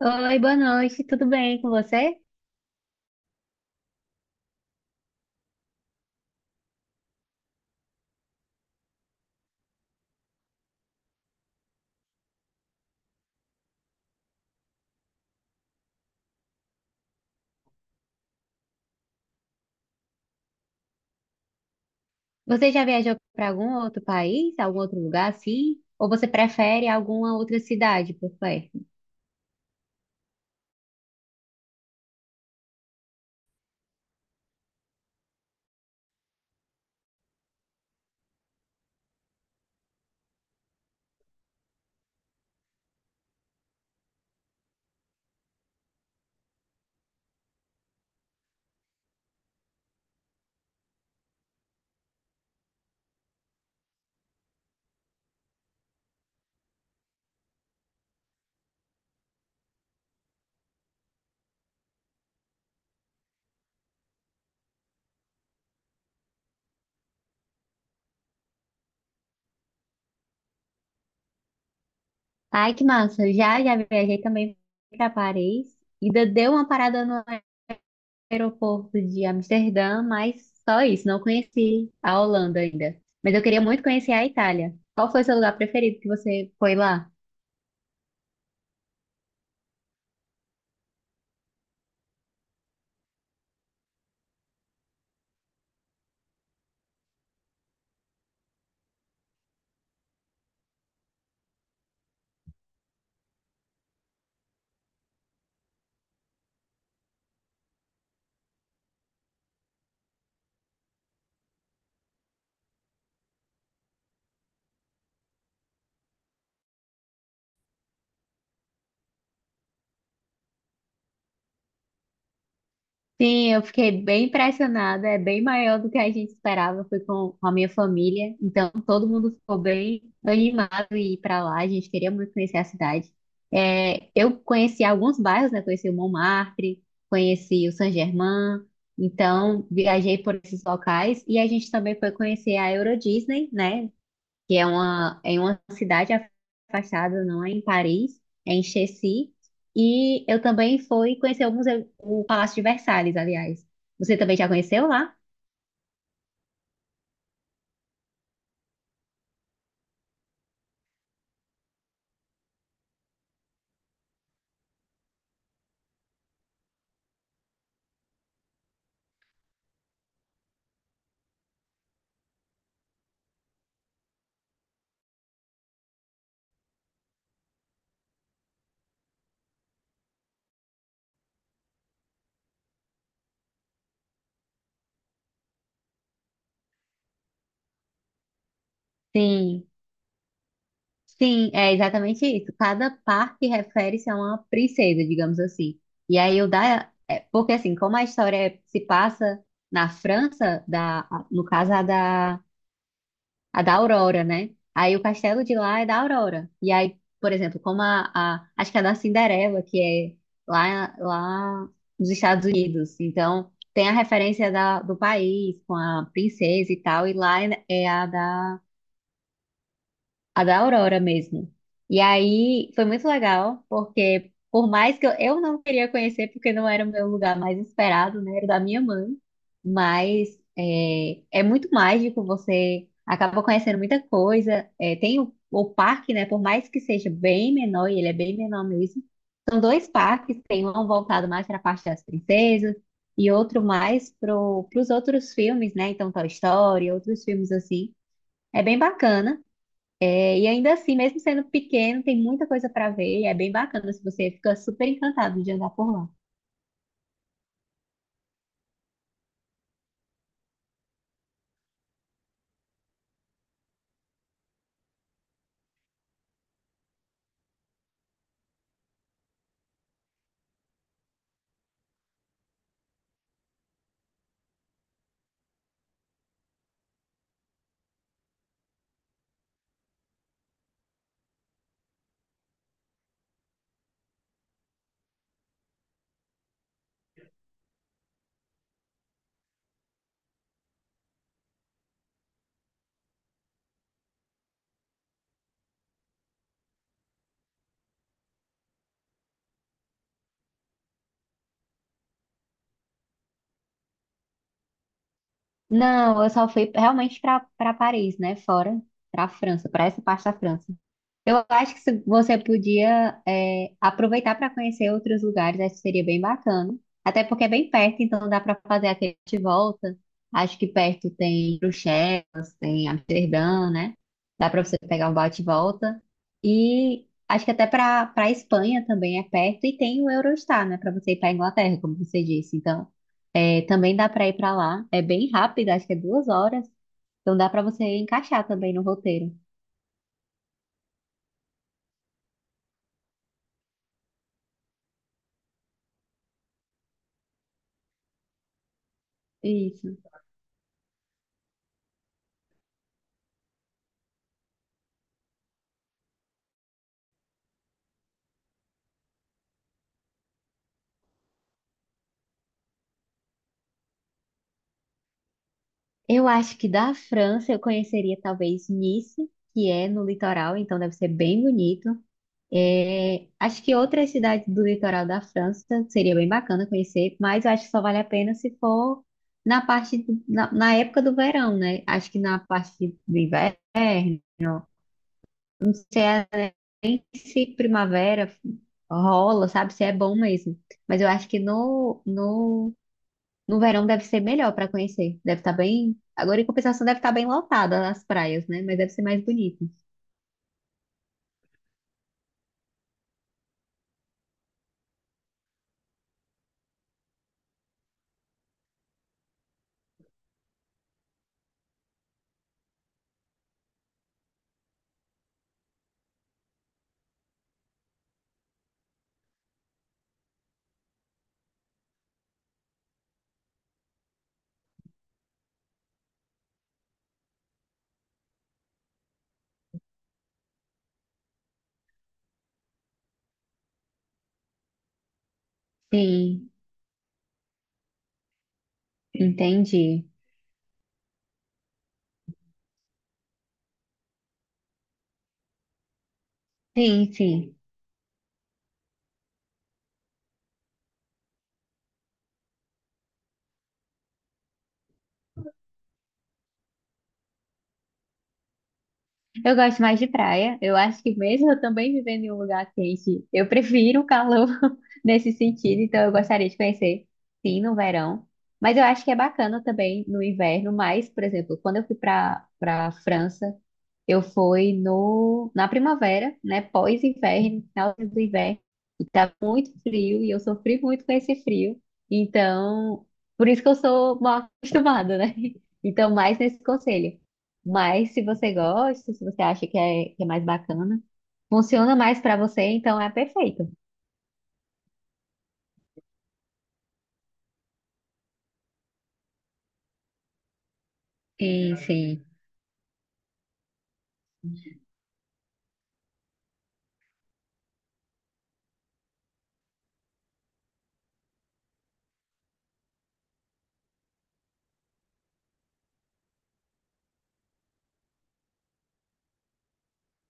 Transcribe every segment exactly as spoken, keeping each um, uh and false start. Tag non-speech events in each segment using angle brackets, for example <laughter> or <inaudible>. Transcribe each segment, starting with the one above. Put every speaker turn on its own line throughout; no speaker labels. Oi, boa noite, tudo bem com você? Você já viajou para algum outro país, algum outro lugar assim? Ou você prefere alguma outra cidade por perto? Ai, que massa! Já, já viajei também para Paris. Ainda dei uma parada no aeroporto de Amsterdã, mas só isso, não conheci a Holanda ainda. Mas eu queria muito conhecer a Itália. Qual foi o seu lugar preferido que você foi lá? Sim, eu fiquei bem impressionada. É bem maior do que a gente esperava. Fui com, com a minha família, então todo mundo ficou bem animado em ir para lá. A gente queria muito conhecer a cidade. É, eu conheci alguns bairros, né? Conheci o Montmartre, conheci o Saint-Germain. Então viajei por esses locais e a gente também foi conhecer a Euro Disney, né? Que é uma, é em uma cidade afastada, não é em Paris, é em Chessy. E eu também fui conhecer o museu, o Palácio de Versalhes, aliás. Você também já conheceu lá? Sim, sim, é exatamente isso. Cada parque refere-se a uma princesa, digamos assim. E aí o da, é, porque assim, como a história se passa na França, da, no caso a da a da Aurora, né? Aí o castelo de lá é da Aurora. E aí, por exemplo, como a, a acho que é da Cinderela, que é lá, lá nos Estados Unidos. Então, tem a referência da, do país com a princesa e tal, e lá é é a da a da Aurora mesmo. E aí foi muito legal, porque por mais que eu, eu não queria conhecer, porque não era o meu lugar mais esperado, né? Era da minha mãe. Mas é, é muito mágico, você acaba conhecendo muita coisa. É, tem o, o parque, né? Por mais que seja bem menor, e ele é bem menor mesmo. São dois parques, tem um voltado mais para a parte das princesas e outro mais para os outros filmes, né? Então, Toy Story, outros filmes assim. É bem bacana. É, e ainda assim, mesmo sendo pequeno, tem muita coisa para ver. É bem bacana, se você fica super encantado de andar por lá. Não, eu só fui realmente para para Paris, né? Fora, para a França, para essa parte da França. Eu acho que se você podia é, aproveitar para conhecer outros lugares, acho que seria bem bacana. Até porque é bem perto, então dá para fazer aquele de volta. Acho que perto tem Bruxelas, tem Amsterdã, né? Dá para você pegar um bate e volta. E acho que até para para Espanha também é perto e tem o Eurostar, né? Para você ir para Inglaterra, como você disse. Então é, também dá para ir para lá. É bem rápido, acho que é duas horas. Então dá para você encaixar também no roteiro. Isso. Eu acho que da França eu conheceria talvez Nice, que é no litoral, então deve ser bem bonito. É, acho que outras cidades do litoral da França seria bem bacana conhecer, mas eu acho que só vale a pena se for na parte do- na, na época do verão, né? Acho que na parte do inverno, se primavera rola, sabe? Se é bom mesmo. Mas eu acho que no, no, no verão deve ser melhor para conhecer. Deve estar bem. Agora, em compensação, deve estar bem lotada as praias, né? Mas deve ser mais bonito. Sim, entendi. Sim, sim. Eu gosto mais de praia. Eu acho que mesmo eu também vivendo em um lugar quente, eu prefiro o calor <laughs> nesse sentido. Então eu gostaria de conhecer, sim, no verão. Mas eu acho que é bacana também no inverno. Mas, por exemplo, quando eu fui para para França, eu fui no na primavera, né? Pós-inverno, final do inverno. E tá muito frio e eu sofri muito com esse frio. Então, por isso que eu sou mal acostumada, né? <laughs> Então, mais nesse conselho. Mas se você gosta, se você acha que é, que é mais bacana, funciona mais para você, então é perfeito. Sim, sim.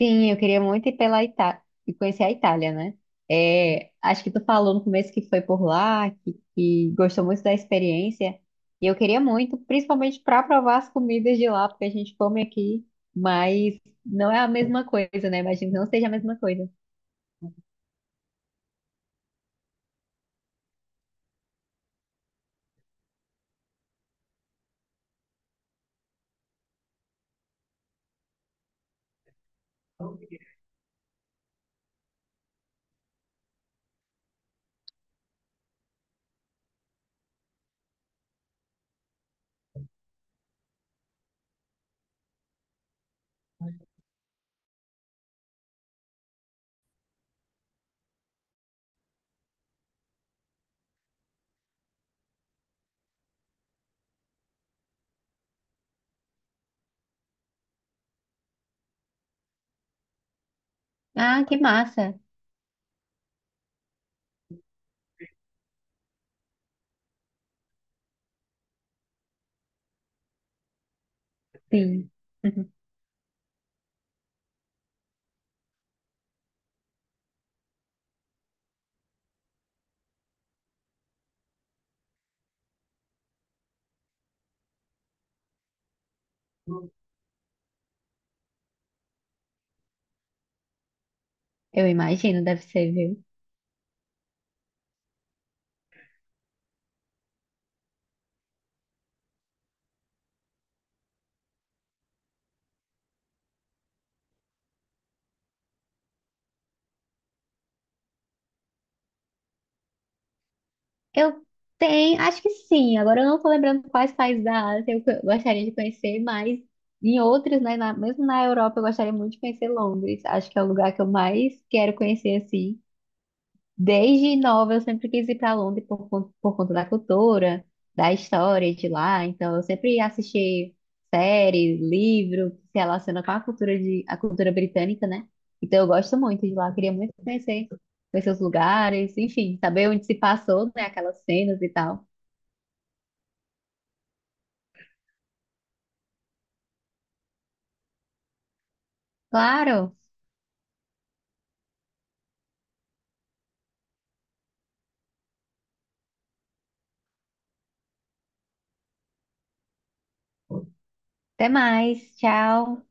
Sim, eu queria muito ir pela Itália e conhecer a Itália, né? É, acho que tu falou no começo que foi por lá, que, que gostou muito da experiência. E eu queria muito, principalmente para provar as comidas de lá, porque a gente come aqui, mas não é a mesma coisa, né? Imagino que não seja a mesma coisa. Ah, que massa! Sim. <laughs> Eu imagino, deve ser, viu? Eu tenho, acho que sim. Agora eu não tô lembrando quais países da Ásia eu co- gostaria de conhecer, mas em outros, né, na- mesmo na Europa, eu gostaria muito de conhecer Londres. Acho que é o lugar que eu mais quero conhecer, assim. Desde nova eu sempre quis ir para Londres por, con- por conta da cultura, da história de lá. Então eu sempre assisti séries, livro que se relaciona com a cultura de a cultura britânica, né? Então eu gosto muito de lá, queria muito conhecer, conhecer os lugares, enfim, saber onde se passou, né, aquelas cenas e tal. Claro. Até mais. Tchau.